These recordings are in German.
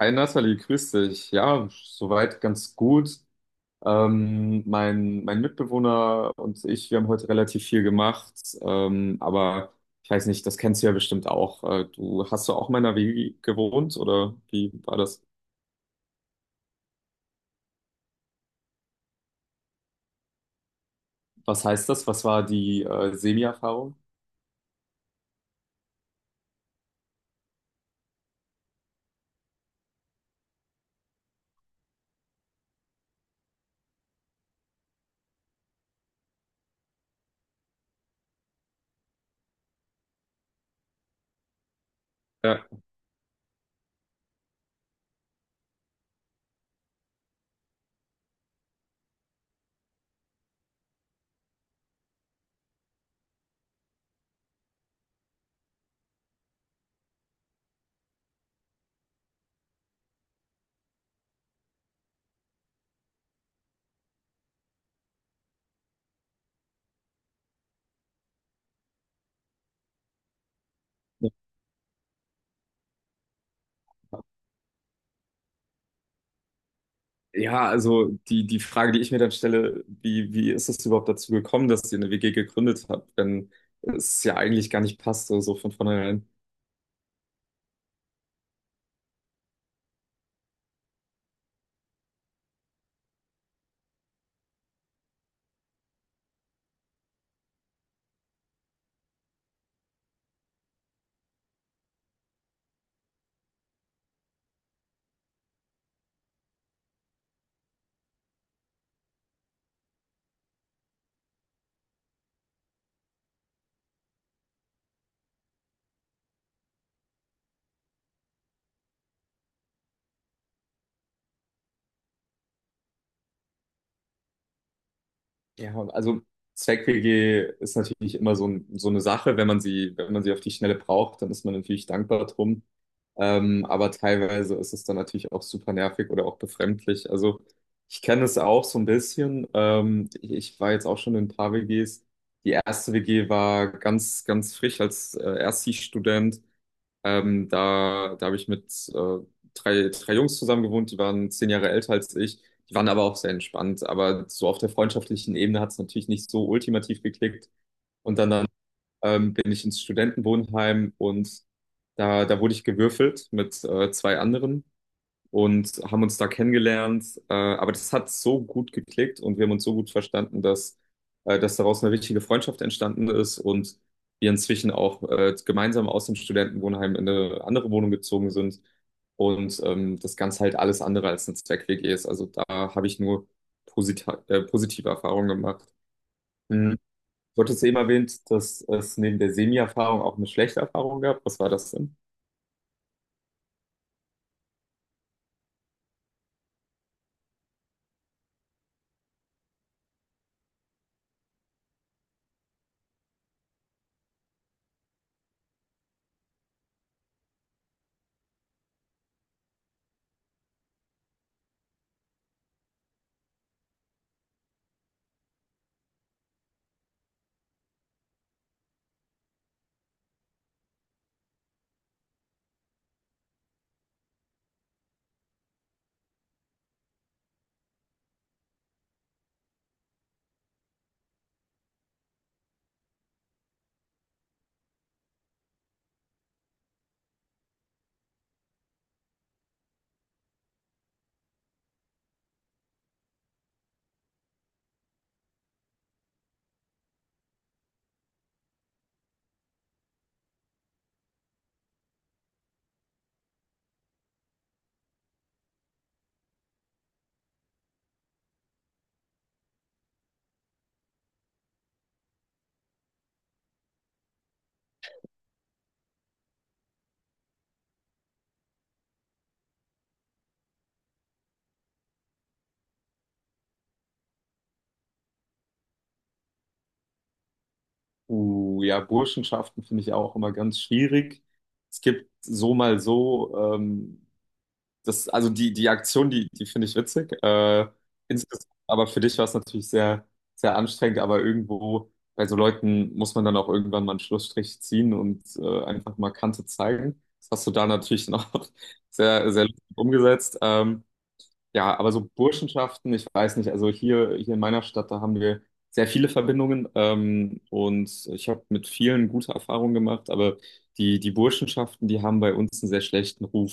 Hi Nathalie, grüß dich. Ja, soweit ganz gut. Mein Mitbewohner und ich, wir haben heute relativ viel gemacht, aber ich weiß nicht, das kennst du ja bestimmt auch. Du hast du auch mal in einer WG gewohnt oder wie war das? Was heißt das? Was war die Semi-Erfahrung? Ja. Ja, also die Frage, die ich mir dann stelle, wie ist es überhaupt dazu gekommen, dass ihr eine WG gegründet habt, wenn es ja eigentlich gar nicht passte, so so von vornherein? Ja, also Zweck-WG ist natürlich immer so, ein, so eine Sache, wenn man sie, wenn man sie auf die Schnelle braucht, dann ist man natürlich dankbar drum. Aber teilweise ist es dann natürlich auch super nervig oder auch befremdlich. Also ich kenne es auch so ein bisschen. Ich war jetzt auch schon in ein paar WGs. Die erste WG war ganz, ganz frisch als Erststudent. Da habe ich mit äh, drei Jungs zusammen gewohnt, die waren zehn Jahre älter als ich. Die waren aber auch sehr entspannt. Aber so auf der freundschaftlichen Ebene hat es natürlich nicht so ultimativ geklickt. Und dann bin ich ins Studentenwohnheim und da wurde ich gewürfelt mit zwei anderen und haben uns da kennengelernt. Aber das hat so gut geklickt und wir haben uns so gut verstanden, dass daraus eine richtige Freundschaft entstanden ist und wir inzwischen auch gemeinsam aus dem Studentenwohnheim in eine andere Wohnung gezogen sind und das Ganze halt alles andere als eine Zweck-WG ist. Also da habe ich nur positive Erfahrungen gemacht. Mhm. Du hattest eben erwähnt, dass es neben der Semi-Erfahrung auch eine schlechte Erfahrung gab. Was war das denn? Ja, Burschenschaften finde ich auch immer ganz schwierig. Es gibt so mal so, das, also die Aktion, die finde ich witzig. Insgesamt, aber für dich war es natürlich sehr, sehr anstrengend, aber irgendwo bei so Leuten muss man dann auch irgendwann mal einen Schlussstrich ziehen und einfach mal Kante zeigen. Das hast du da natürlich noch sehr, sehr lustig umgesetzt. Ja, aber so Burschenschaften, ich weiß nicht, also hier, hier in meiner Stadt, da haben wir sehr viele Verbindungen und ich habe mit vielen gute Erfahrungen gemacht, aber die Burschenschaften, die haben bei uns einen sehr schlechten Ruf,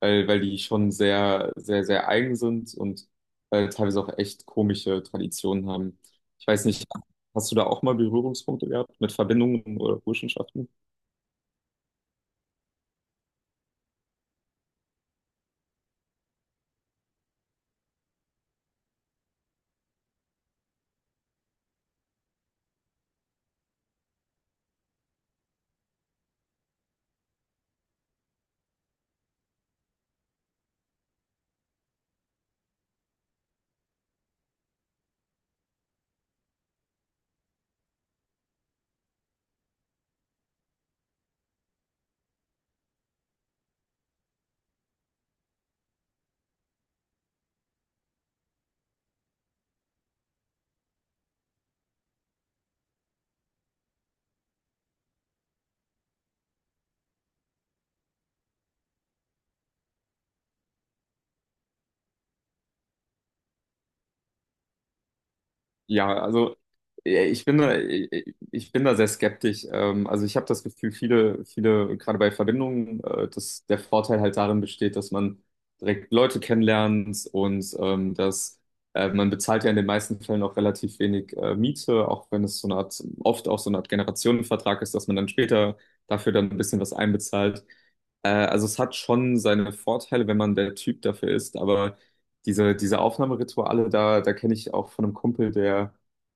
weil die schon sehr, sehr, sehr eigen sind und teilweise auch echt komische Traditionen haben. Ich weiß nicht, hast du da auch mal Berührungspunkte gehabt mit Verbindungen oder Burschenschaften? Ja, also äh, ich bin da, ich ich bin da sehr skeptisch. Also ich habe das Gefühl, viele, gerade bei Verbindungen, dass der Vorteil halt darin besteht, dass man direkt Leute kennenlernt und dass man bezahlt ja in den meisten Fällen auch relativ wenig Miete, auch wenn es so eine Art, oft auch so eine Art Generationenvertrag ist, dass man dann später dafür dann ein bisschen was einbezahlt. Also es hat schon seine Vorteile, wenn man der Typ dafür ist, aber diese Aufnahmerituale, da kenne ich auch von einem Kumpel, der,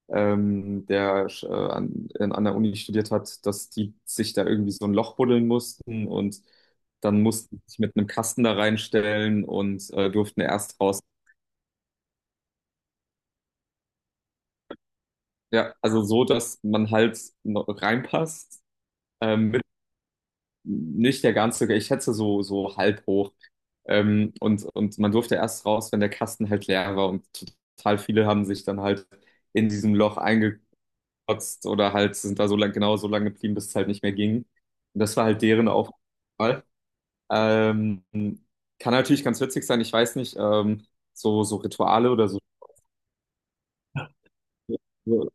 ähm, der an der Uni studiert hat, dass die sich da irgendwie so ein Loch buddeln mussten und dann mussten sie sich mit einem Kasten da reinstellen und durften erst raus. Ja, also so, dass man halt noch reinpasst, mit nicht der ganze, ich schätze so, so halb hoch. Und man durfte erst raus, wenn der Kasten halt leer war und total viele haben sich dann halt in diesem Loch einge gekotzt oder halt sind da so lang, genau so lange geblieben, bis es halt nicht mehr ging. Und das war halt deren Aufgabe. Ähm, kann natürlich ganz witzig sein, ich weiß nicht, so Rituale oder so. Ja.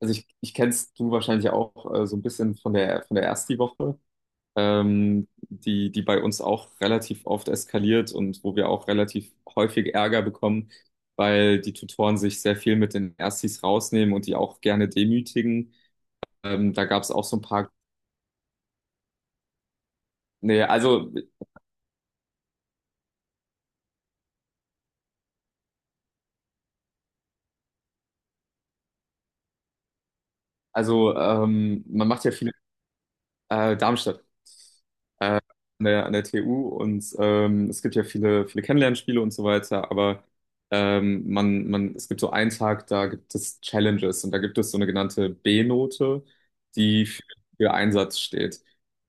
Also ich kennst du wahrscheinlich auch so ein bisschen von der Ersti-Woche, die bei uns auch relativ oft eskaliert und wo wir auch relativ häufig Ärger bekommen, weil die Tutoren sich sehr viel mit den Erstis rausnehmen und die auch gerne demütigen. Da gab es auch so ein paar. Nee, also man macht ja viele Darmstadt äh, an der TU und es gibt ja viele, viele Kennenlernspiele und so weiter, aber man, es gibt so einen Tag, da gibt es Challenges und da gibt es so eine genannte B-Note, die für Einsatz steht.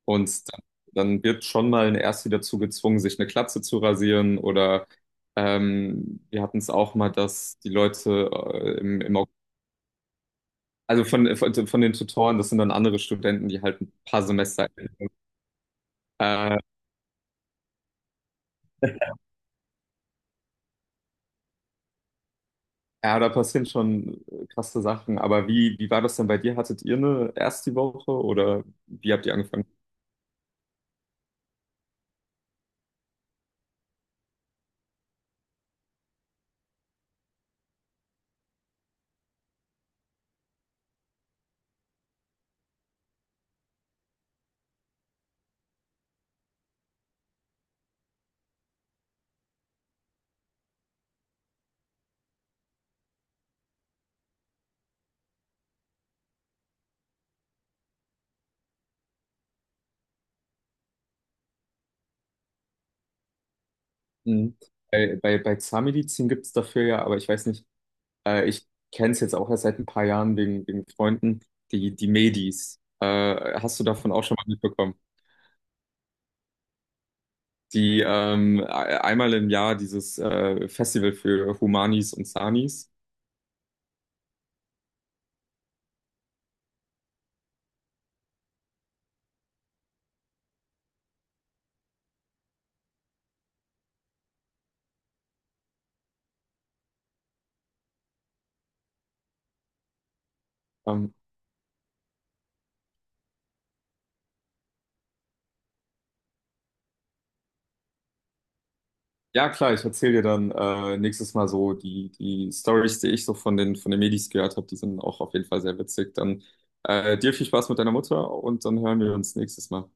Und dann, dann wird schon mal ein Ersti dazu gezwungen, sich eine Glatze zu rasieren oder wir hatten es auch mal, dass die Leute im. Also von den Tutoren, das sind dann andere Studenten, die halt ein paar Semester älter sind. Äh, ja, da passieren schon krasse Sachen. Aber wie war das denn bei dir? Hattet ihr eine erste Woche oder wie habt ihr angefangen? Mhm. Bei Zahnmedizin gibt es dafür ja, aber ich weiß nicht, ich kenne es jetzt auch erst seit ein paar Jahren wegen Freunden, die Medis. Hast du davon auch schon mal mitbekommen? Die einmal im Jahr dieses Festival für Humanis und Sanis. Ähm, Ja, klar, ich erzähle dir dann nächstes Mal so die Stories, die ich so von von den Medis gehört habe, die sind auch auf jeden Fall sehr witzig. Dann dir viel Spaß mit deiner Mutter und dann hören wir uns nächstes Mal.